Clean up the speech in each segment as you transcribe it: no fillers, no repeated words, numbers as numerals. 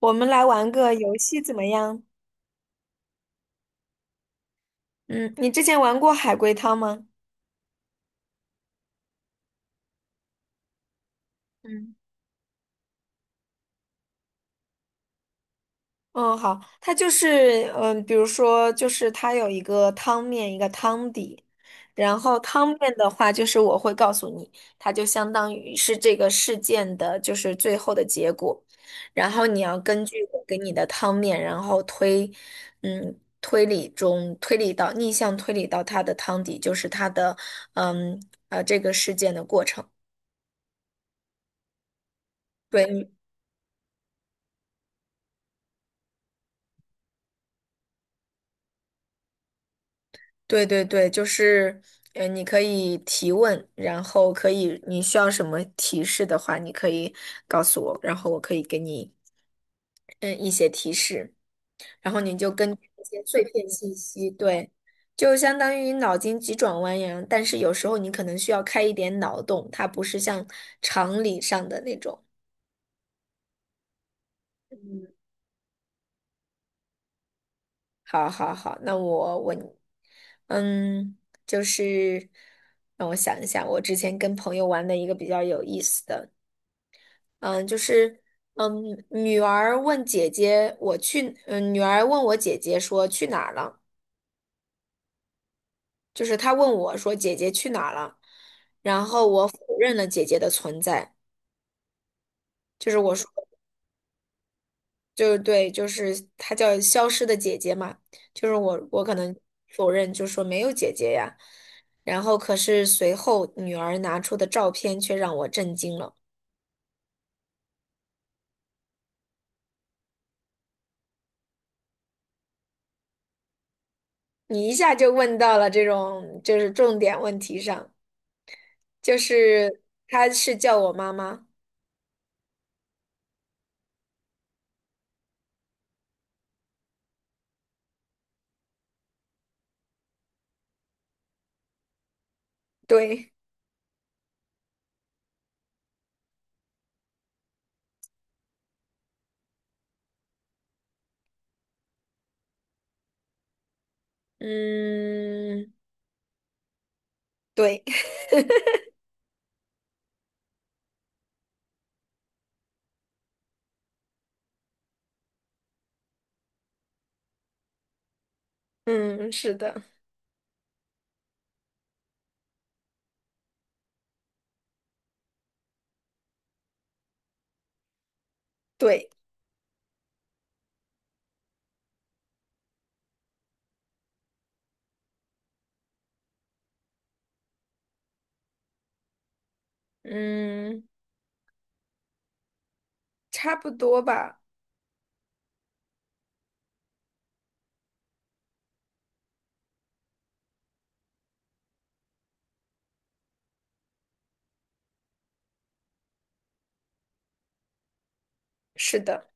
我们来玩个游戏怎么样？嗯，你之前玩过海龟汤吗？嗯嗯，好，它就是比如说就是它有一个汤面，一个汤底，然后汤面的话就是我会告诉你，它就相当于是这个事件的就是最后的结果，然后你要根据我给你的汤面，然后推，推理中推理到逆向推理到它的汤底，就是它的嗯这个事件的过程。对。对对对，就是，你可以提问，然后可以，你需要什么提示的话，你可以告诉我，然后我可以给你，嗯，一些提示，然后你就根据这些碎片信息，对，就相当于脑筋急转弯一样，但是有时候你可能需要开一点脑洞，它不是像常理上的那种。好好好，那我问你，嗯，就是让我想一下，我之前跟朋友玩的一个比较有意思的。嗯，就是，嗯，女儿问姐姐我去，女儿问我姐姐说去哪儿了，就是她问我说姐姐去哪儿了，然后我否认了姐姐的存在，就是我说，就是对，就是她叫消失的姐姐嘛，就是我可能否认，就说没有姐姐呀，然后可是随后女儿拿出的照片却让我震惊了，你一下就问到了这种就是重点问题上。就是他是叫我妈妈，对，嗯，对，嗯，是的，对，嗯，差不多吧，是的，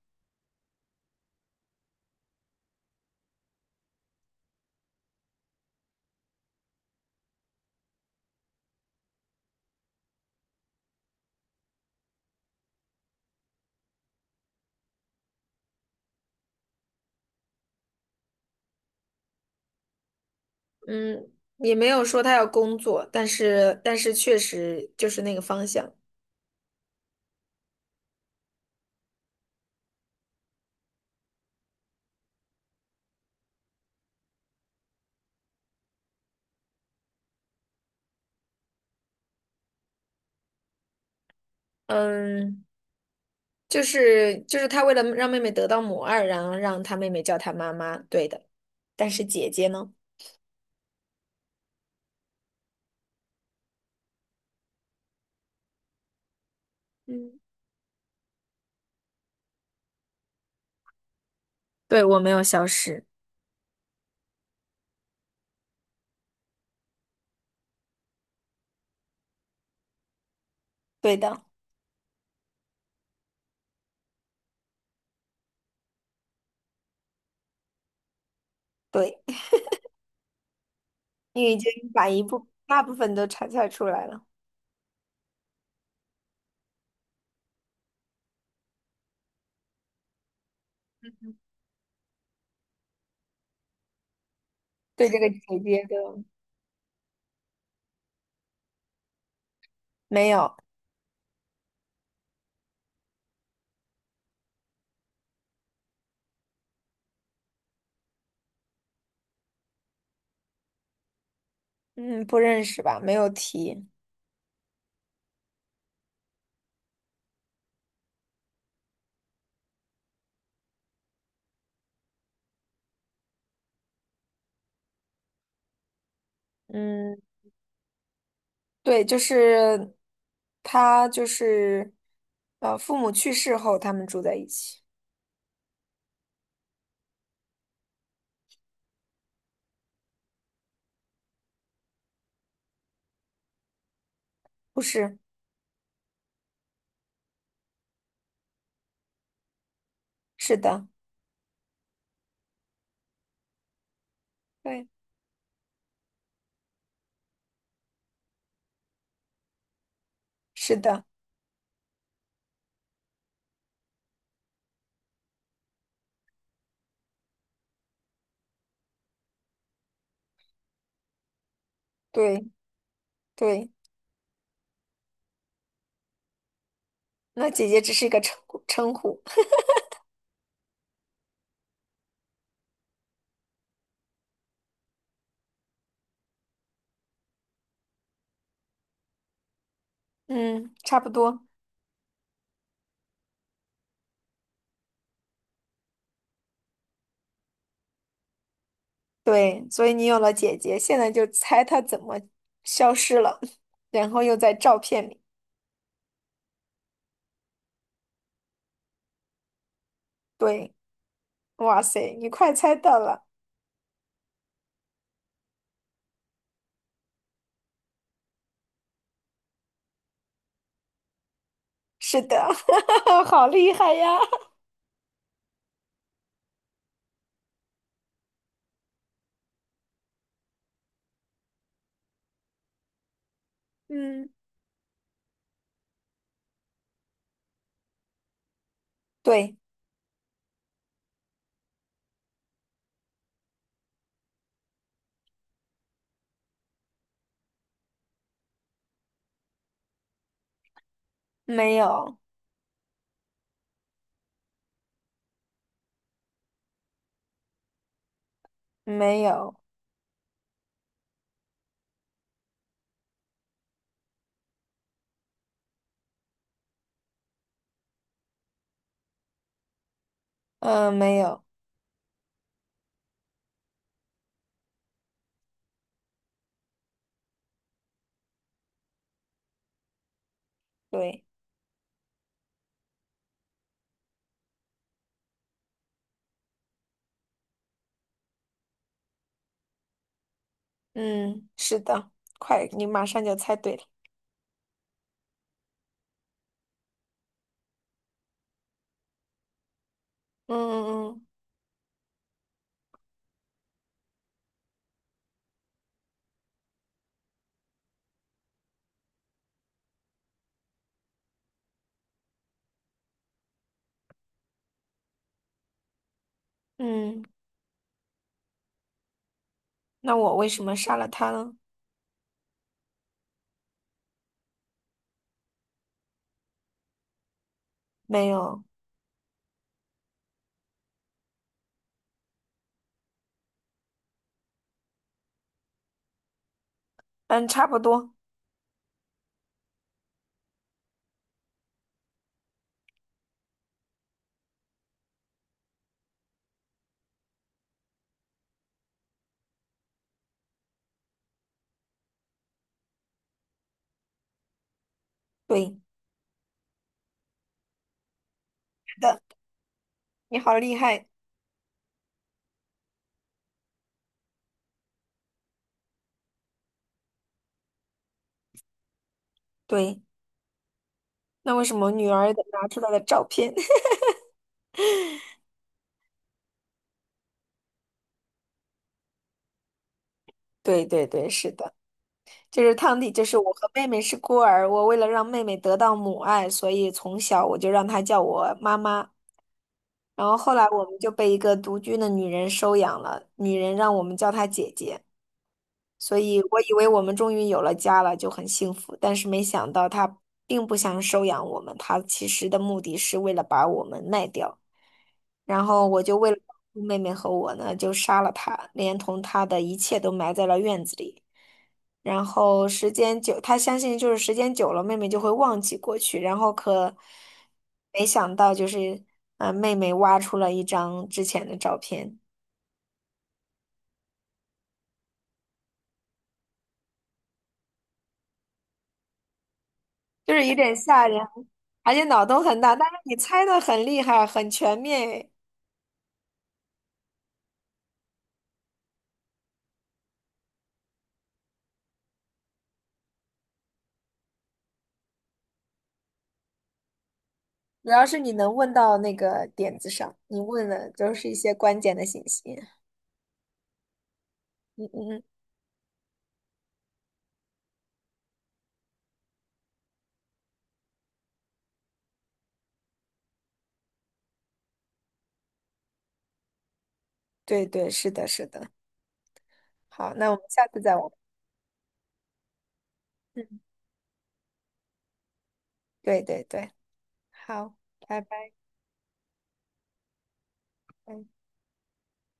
嗯，也没有说他要工作，但是确实就是那个方向，嗯，就是他为了让妹妹得到母爱，然后让他妹妹叫他妈妈，对的，但是姐姐呢？嗯，对，我没有消失，对的，对。你已经把一部大部分都猜出来了，对这个姐姐的没有，嗯，不认识吧？没有提，嗯，对，就是他就是父母去世后他们住在一起，不是？是的，对，是的，对对，那姐姐只是一个称呼，嗯，差不多，对，所以你有了姐姐，现在就猜她怎么消失了，然后又在照片里，对。哇塞，你快猜到了，是的，好厉害呀 嗯，对，没有，没有，嗯、没有，对，嗯，是的，快，你马上就猜对了。嗯嗯嗯嗯，那我为什么杀了他呢？没有，嗯，差不多，对，是的，你好厉害，对，那为什么女儿的拿出来的照片？对对对，是的。就是汤底，就是我和妹妹是孤儿，我为了让妹妹得到母爱，所以从小我就让她叫我妈妈。然后后来我们就被一个独居的女人收养了，女人让我们叫她姐姐。所以我以为我们终于有了家了，就很幸福，但是没想到他并不想收养我们，他其实的目的是为了把我们卖掉。然后我就为了保护妹妹和我呢，就杀了他，连同他的一切都埋在了院子里。然后时间久，他相信就是时间久了，妹妹就会忘记过去。然后可没想到，就是妹妹挖出了一张之前的照片，就是有点吓人。而且脑洞很大，但是你猜的很厉害，很全面诶。主要是你能问到那个点子上，你问的都是一些关键的信息。嗯嗯，嗯，对对，是的，是的。好，那我们下次再玩。嗯，对对对，好，拜拜。嗯。